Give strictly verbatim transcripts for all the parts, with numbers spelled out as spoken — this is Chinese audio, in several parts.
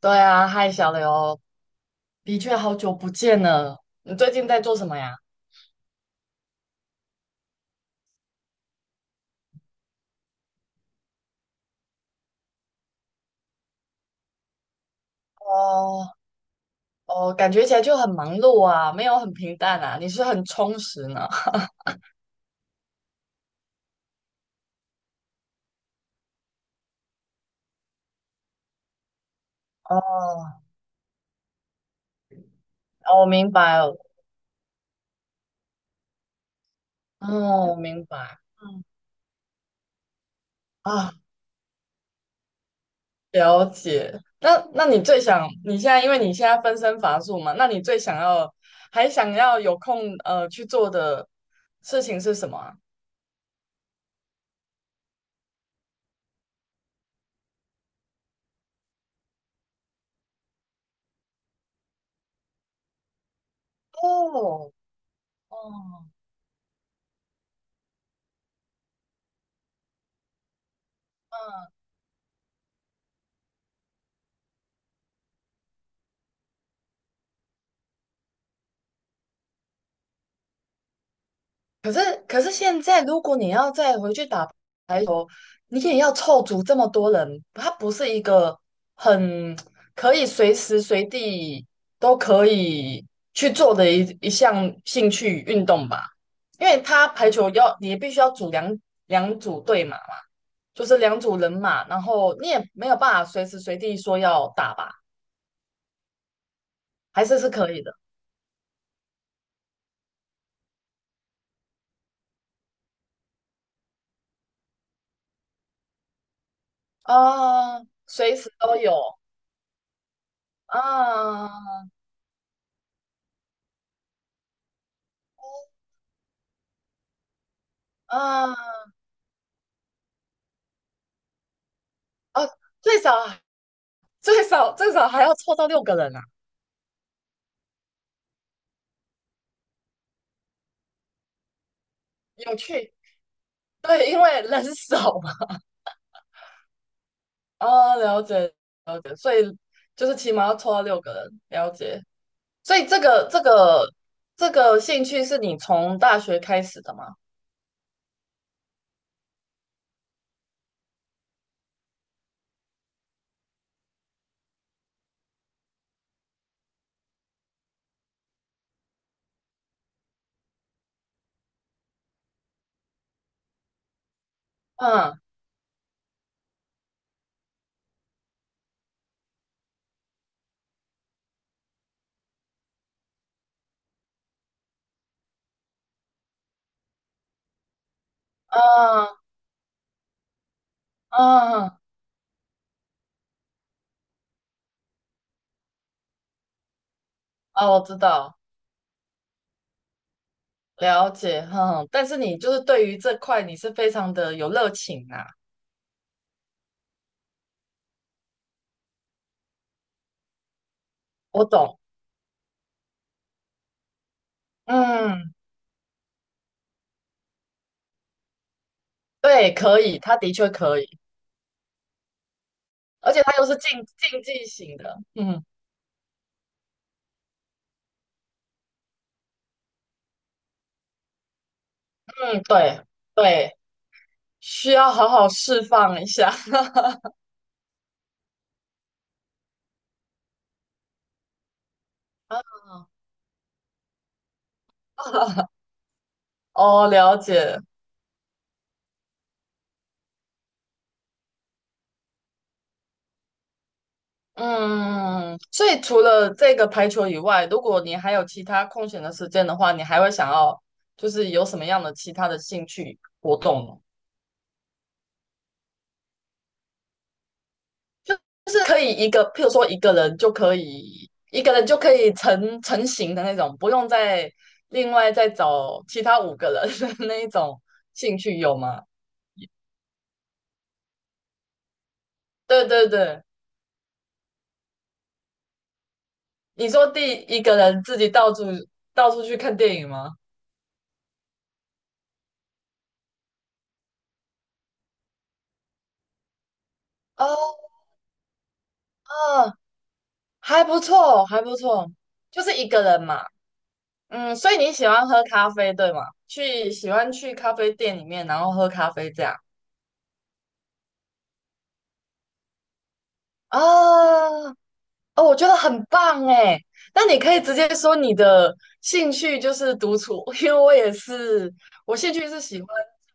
对啊，嗨，小刘，的确好久不见了。你最近在做什么呀？哦哦，感觉起来就很忙碌啊，没有很平淡啊。你是很充实呢。哦哦，我明白了。哦，我明白。嗯啊，了解。那那你最想你现在，因为你现在分身乏术嘛，那你最想要还想要有空呃去做的事情是什么啊哦哦，嗯。可是，可是现在，如果你要再回去打你也要凑足这么多人，它不是一个很可以随时随地都可以去做的一一项兴趣运动吧？因为它排球要你必须要组两两组队嘛，嘛，就是两组人嘛，然后你也没有办法随时随地说要打吧，还是是可以的啊，随时都有啊啊啊，最少最少最少还要凑到六个人啊，有趣。对，因为人少嘛。啊，了解，就是起码要凑到六个人，了解。所以这个这个这个兴趣是你从大学开始的吗？嗯嗯嗯，哦，我知道，了解，嗯。但是你就是对于这块你是非常的有热情啊，我懂。嗯，对，可以，他的确可以，而且他又是竞竞技型的，嗯嗯，对对，需要好好释放一下。哦，了解。嗯，所以除了这个排球以外，如果你还有其他空闲的时间的话，你还会想要就是有什么样的其他的兴趣活动呢？就是可以一个，譬如说一个人就可以一个人就可以成成型的那种，不用再另外再找其他五个人的 那一种兴趣有吗？对对对，你说第一个人自己到处到处去看电影吗？哦哦，还不错，还不错，就是一个人嘛。嗯，所以你喜欢喝咖啡，对吗？去喜欢去咖啡店里面，然后喝咖啡这样啊？哦，我觉得很棒哎。那你可以直接说你的兴趣就是独处，因为我也是，我兴趣是喜欢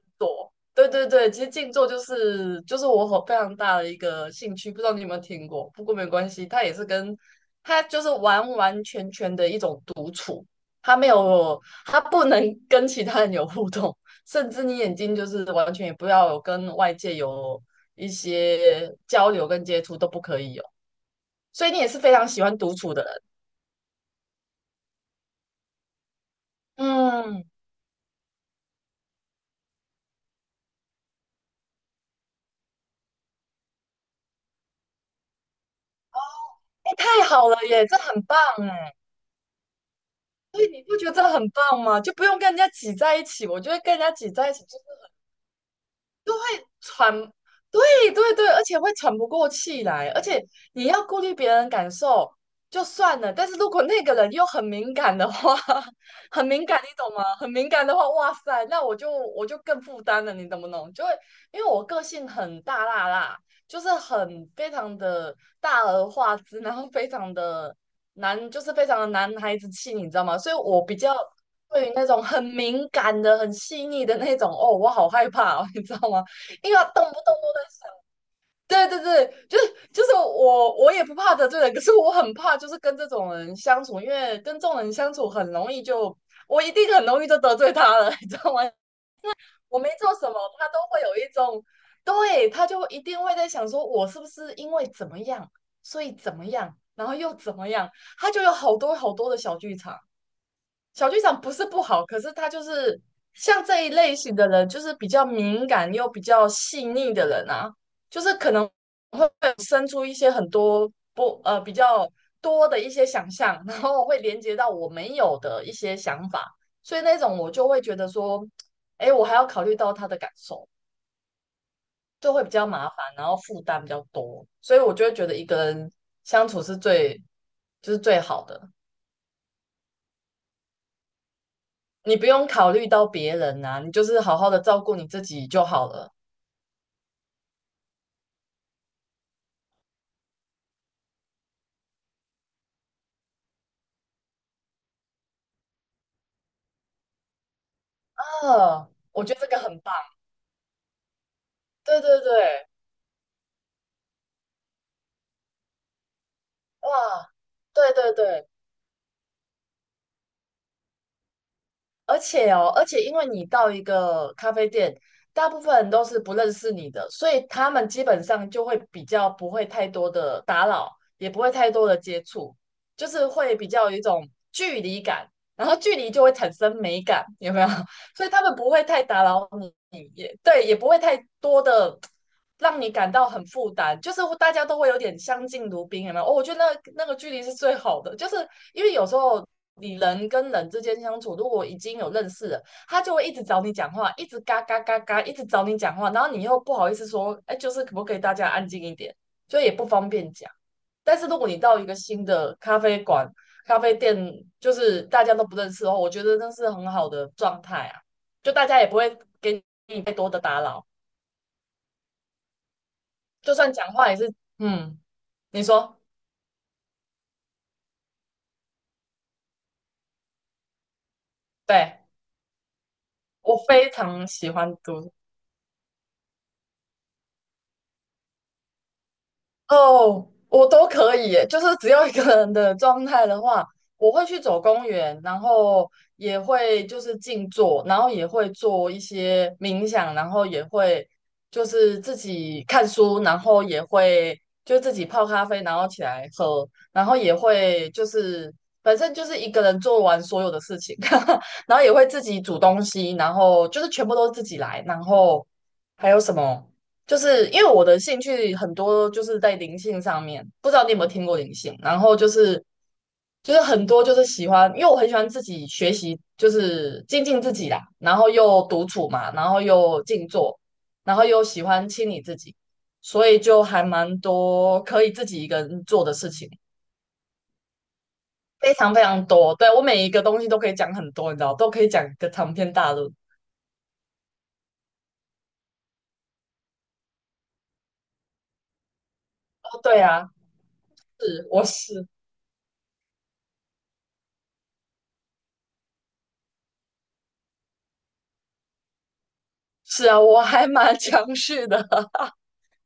静坐。对对对，其实静坐就是就是我很非常大的一个兴趣，不知道你有没有听过？不过没关系，它也是跟它就是完完全全的一种独处，它没有它不能跟其他人有互动，甚至你眼睛就是完全也不要有跟外界有一些交流跟接触都不可以哦。所以你也是非常喜欢独处的人。嗯，哎，太好了耶，这很棒哎。所以你不觉得这很棒吗？就不用跟人家挤在一起，我觉得跟人家挤在一起喘，对对对，而且会喘不过气来，而且你要顾虑别人感受就算了，但是如果那个人又很敏感的话，很敏感，你懂吗？很敏感的话，哇塞，那我就我就更负担了，你懂不懂？就会因为我个性很大辣辣，就是很非常的大而化之，然后非常的男，就是非常的男孩子气，你知道吗？所以我比较。对于那种很敏感的、很细腻的那种，哦，我好害怕哦，你知道吗？因为他动不动都在，对对对，就是就是我我也不怕得罪人，可是我很怕就是跟这种人相处，因为跟这种人相处很容易就我一定很容易就得罪他了，你知道吗？我没做什么，他都会有一种，对，他就一定会在想说我是不是因为怎么样，所以怎么样，然后又怎么样，他就有好多好多的小剧场。小剧场不是不好，可是他就是像这一类型的人，就是比较敏感又比较细腻的人啊，就是可能会生出一些很多不呃比较多的一些想象，然后会连接到我没有的一些想法，所以那种我就会觉得说，哎，我还要考虑到他的感受，就会比较麻烦，然后负担比较多，所以我就会觉得一个人相处是最就是最好的。你不用考虑到别人啊，你就是好好的照顾你自己就好了。啊，我觉得这个很棒。对对对，哇，对对对，而且哦，而且因为你到一个咖啡店，大部分人都是不认识你的，所以他们基本上就会比较不会太多的打扰，也不会太多的接触，就是会比较有一种距离感，然后距离就会产生美感，有没有？所以他们不会太打扰你，也对，也不会太多的让你感到很负担，就是大家都会有点相敬如宾，有没有哦，我觉得那那个距离是最好的，就是因为有时候你人跟人之间相处，如果已经有认识了，他就会一直找你讲话，一直嘎嘎嘎嘎，一直找你讲话，然后你又不好意思说，哎，就是可不可以大家安静一点，就也不方便讲。但是如果你到一个新的咖啡馆，咖啡店就是大家都不认识的话，我觉得那是很好的状态啊。就大家也不会给你太多的打扰，就算讲话也是，嗯，你说，对，我非常喜欢读。哦，我都可以耶，就是只要一个人的状态的话，我会去走公园，然后也会就是静坐，然后也会做一些冥想，然后也会就是自己看书，然后也会就自己泡咖啡，然后起来喝，然后也会就是反正就是一个人做完所有的事情，然后也会自己煮东西，然后就是全部都是自己来，然后还有什么？就是因为我的兴趣很多，就是在灵性上面，不知道你有没有听过灵性？然后就是就是很多就是喜欢，因为我很喜欢自己学习，就是精进自己啦，然后又独处嘛，然后又静坐，然后又喜欢清理自己，所以就还蛮多可以自己一个人做的事情，非常非常多。对，我每一个东西都可以讲很多，你知道，都可以讲个长篇大论。哦，对啊，是，我是是啊，我还蛮 强势的。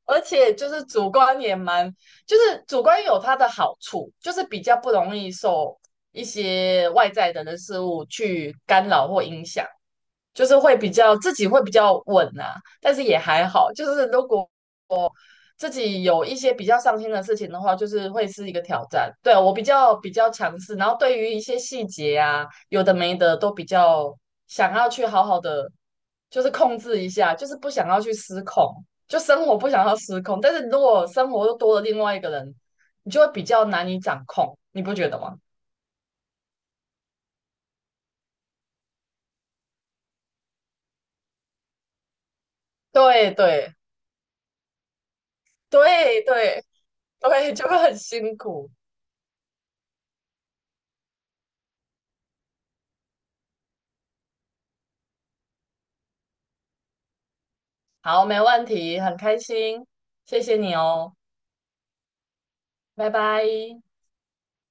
而且就是主观也蛮，就是主观有它的好处，就是比较不容易受一些外在的人事物去干扰或影响，就是会比较自己会比较稳啊。但是也还好，就是如果自己有一些比较上心的事情的话，就是会是一个挑战。对，我比较比较强势，然后对于一些细节啊，有的没的都比较想要去好好的，就是控制一下，就是不想要去失控，就生活不想要失控。但是如果生活又多了另外一个人，你就会比较难以掌控，你不觉得吗？对对对对对，就会很辛苦。好，没问题，很开心，谢谢你哦，拜拜。